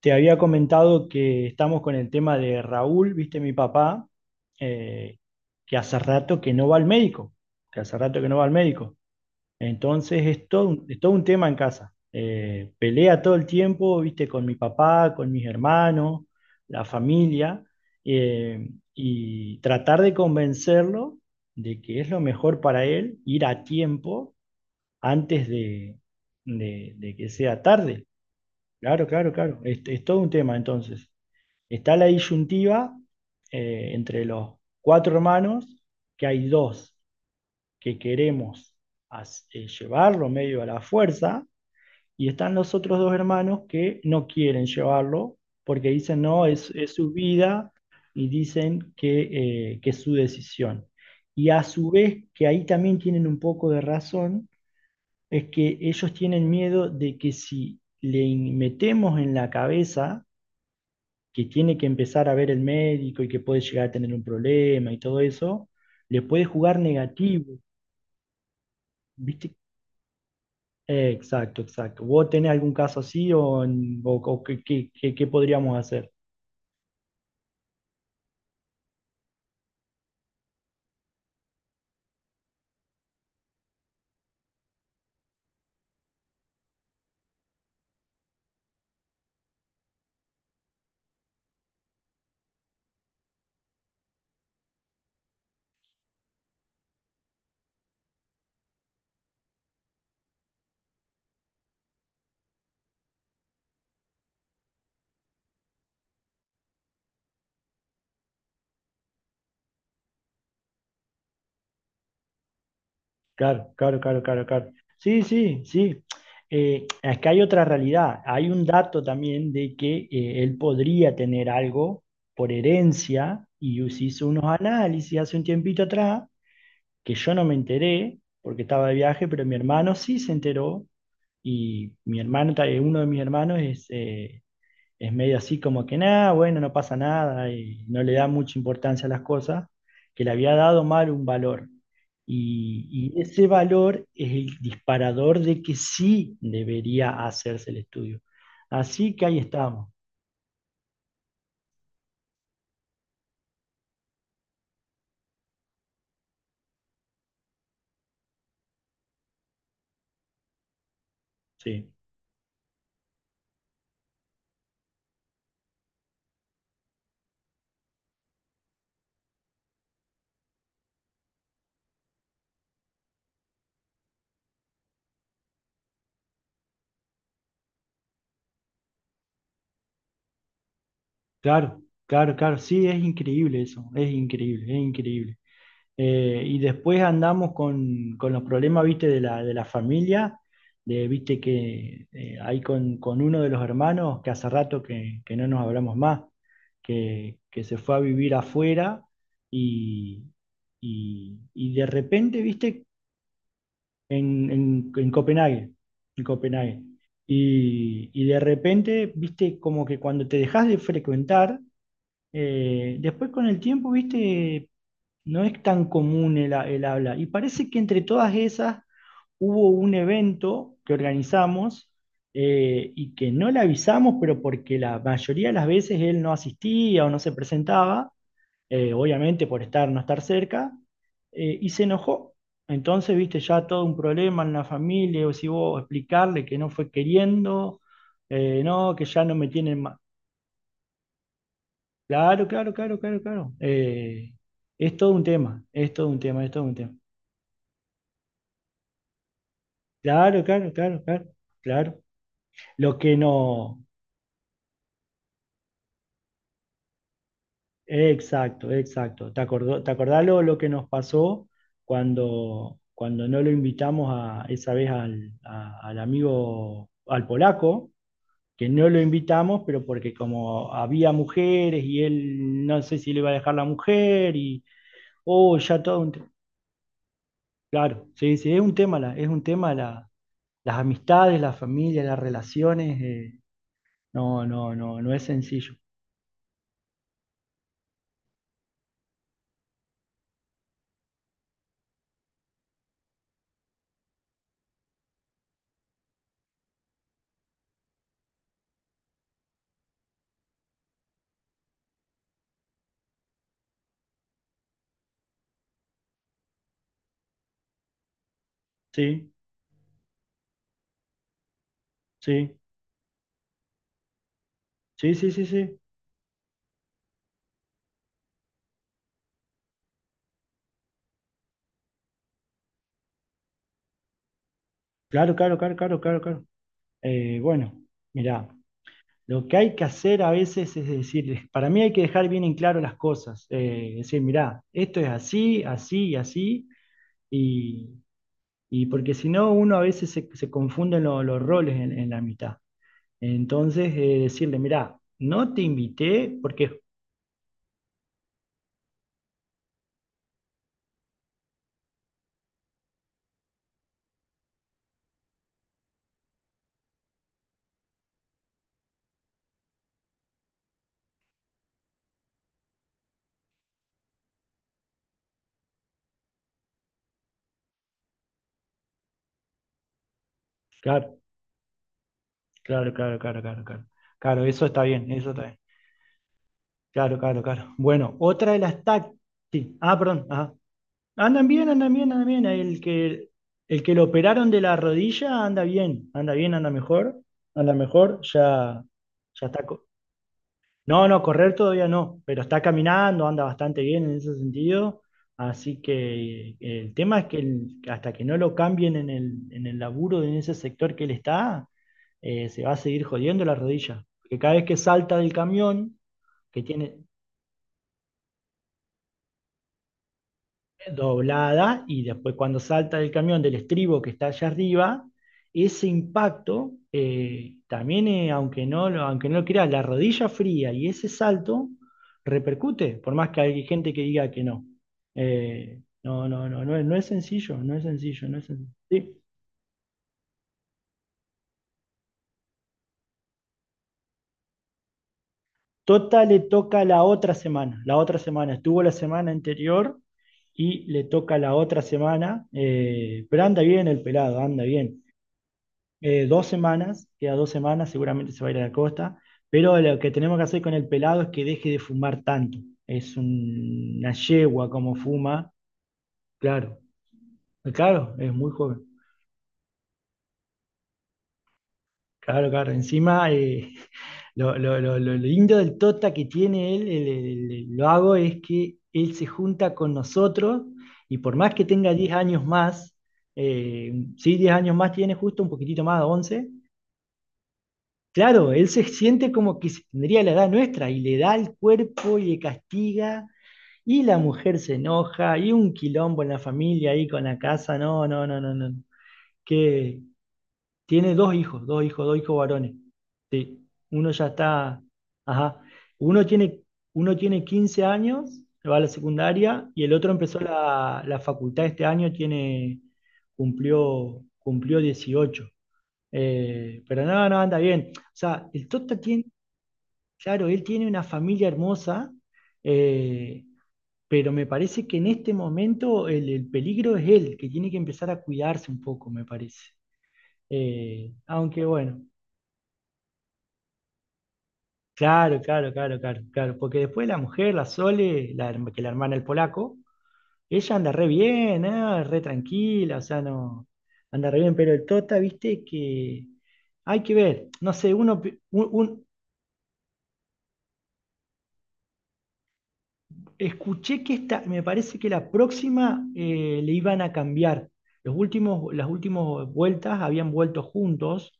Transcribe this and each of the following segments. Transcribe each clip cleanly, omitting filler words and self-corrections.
Te había comentado que estamos con el tema de Raúl, viste mi papá, eh, que hace rato que no va al médico, que hace rato que no va al médico. Entonces es todo un tema en casa. Pelea todo el tiempo, viste, con mi papá, con mis hermanos, la familia, eh, y tratar de convencerlo de que es lo mejor para él ir a tiempo antes de que sea tarde. Claro, claro, claro. Es todo un tema entonces. Está la disyuntiva entre los cuatro hermanos, que hay dos que queremos llevarlo medio a la fuerza, y están los otros dos hermanos que no quieren llevarlo porque dicen, no, es su vida y dicen que es su decisión. Y a su vez, que ahí también tienen un poco de razón, es que ellos tienen miedo de que si le metemos en la cabeza, que tiene que empezar a ver el médico y que puede llegar a tener un problema y todo eso, le puede jugar negativo, ¿viste? Exacto, exacto. ¿Vos tenés algún caso así o qué podríamos hacer? Claro, claro, claro, claro, claro. Sí, sí, sí. Es que hay otra realidad. Hay un dato también de que él podría tener algo por herencia y se hizo unos análisis hace un tiempito atrás que yo no me enteré porque estaba de viaje, pero mi hermano sí se enteró. Y mi hermano, uno de mis hermanos es medio así como que nada, bueno, no pasa nada, y no le da mucha importancia a las cosas, que le había dado mal un valor. Y ese valor es el disparador de que sí debería hacerse el estudio. Así que ahí estamos. Sí, claro, claro, claro, sí, es increíble eso, es increíble, es increíble. Y después andamos con los problemas, viste, de la familia, de, viste, que hay con uno de los hermanos que hace rato que no nos hablamos más, que se fue a vivir afuera y, y de repente, viste, en Copenhague, en Copenhague. Y de repente, viste, como que cuando te dejas de frecuentar, después con el tiempo, viste, no es tan común el habla. Y parece que entre todas esas hubo un evento que organizamos y que no le avisamos, pero porque la mayoría de las veces él no asistía o no se presentaba, obviamente por estar, no estar cerca, y se enojó. Entonces, viste, ya todo un problema en la familia, o si vos explicarle que no fue queriendo, no, que ya no me tienen. Claro, claro, claro, claro, claro. Es todo un tema, es todo un tema, es todo un tema. Claro, claro, claro, claro, claro. Lo que no, exacto, exacto. ¿Te acordás lo que nos pasó cuando no lo invitamos a, esa vez al, a- al amigo, al polaco, que no lo invitamos, pero porque como había mujeres y él no sé si le iba a dejar la mujer y, oh, ya todo un. Claro, sí, sí, es un tema, la las amistades, la familia, las relaciones, no, no, no, no es sencillo. Sí, sí, sí, sí, sí, sí. Claro, claro, claro, claro, claro, claro. Bueno, mirá, lo que hay que hacer a veces es decir, para mí hay que dejar bien en claro las cosas. Decir, mirá, esto es así, así y así, y, y porque si no, uno a veces se confunden los roles en la mitad. Entonces, decirle, mirá, no te invité porque... Claro, claro, claro, claro, claro, claro. Claro, eso está bien, eso está bien. Claro, claro, claro. Bueno, otra de las tácticas. Sí. Ah, perdón. Ajá. Andan bien, andan bien, andan bien. El que lo operaron de la rodilla anda bien, anda bien, anda mejor, anda mejor. Ya, ya está, no, no, correr todavía no, pero está caminando, anda bastante bien en ese sentido. Así que el tema es que hasta que no lo cambien en el laburo, en ese sector que él está, se va a seguir jodiendo la rodilla. Porque cada vez que salta del camión, que tiene, doblada y después cuando salta del camión del estribo que está allá arriba, ese impacto, también aunque no lo creas, la rodilla fría y ese salto repercute, por más que hay gente que diga que no. No, no, no, no, no es sencillo, no es sencillo, no es sencillo. Sí. Tota le toca la otra semana, estuvo la semana anterior y le toca la otra semana, pero anda bien el pelado, anda bien. Dos semanas, queda dos semanas, seguramente se va a ir a la costa, pero lo que tenemos que hacer con el pelado es que deje de fumar tanto. Es una yegua como fuma, claro, claro, es muy joven, claro, claro. Encima, lo lindo del Tota que tiene el vago, es que él se junta con nosotros y por más que tenga 10 años más, sí, 10 años más tiene, justo un poquitito más, 11. Claro, él se siente como que si tendría la edad nuestra y le da el cuerpo y le castiga y la mujer se enoja y un quilombo en la familia ahí con la casa, no, no, no, no, no. Que tiene dos hijos, dos hijos, dos hijos varones. Sí, uno ya está, ajá, uno tiene, uno tiene, 15 años, va a la secundaria y el otro empezó la, la facultad este año, tiene, cumplió 18. Pero no, no, anda bien. O sea, el Tota tiene. Claro, él tiene una familia hermosa, eh, pero me parece que en este momento el peligro es él, que tiene que empezar a cuidarse un poco, me parece. Aunque bueno, claro, claro, claro, claro, claro, porque después la mujer, la Sole, la hermana del polaco, ella anda re bien, ah, re tranquila, o sea, no, anda re bien, pero el Tota, viste que hay que ver, no sé, uno. Escuché que me parece que la próxima le iban a cambiar. Los últimos, las últimas vueltas habían vuelto juntos,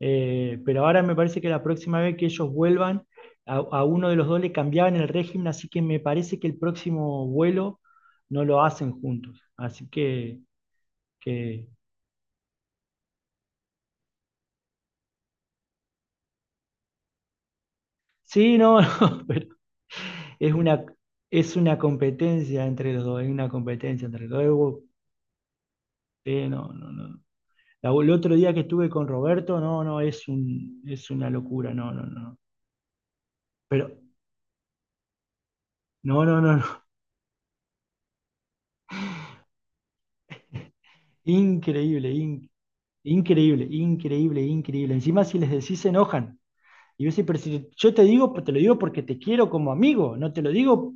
pero ahora me parece que la próxima vez que ellos vuelvan, a uno de los dos le cambiaban el régimen, así que me parece que el próximo vuelo no lo hacen juntos. Así que. Sí, no, no, pero es una, es una, competencia entre los dos, es una competencia entre los dos. No, no, no, el otro día que estuve con Roberto, no, no, es una locura, no, no, no. Pero, no, no, no, no. Increíble, increíble, increíble, increíble. Encima si les decís se enojan. Y yo, sí, pero si yo te digo, te lo digo porque te quiero como amigo, no te lo digo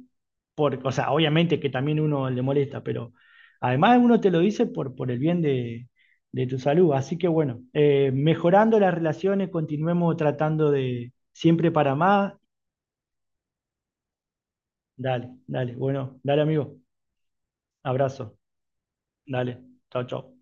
o sea, obviamente que también uno le molesta, pero además uno te lo dice por el bien de tu salud. Así que bueno, mejorando las relaciones, continuemos tratando de siempre para más. Dale, dale. Bueno, dale, amigo. Abrazo. Dale. Chao, chao.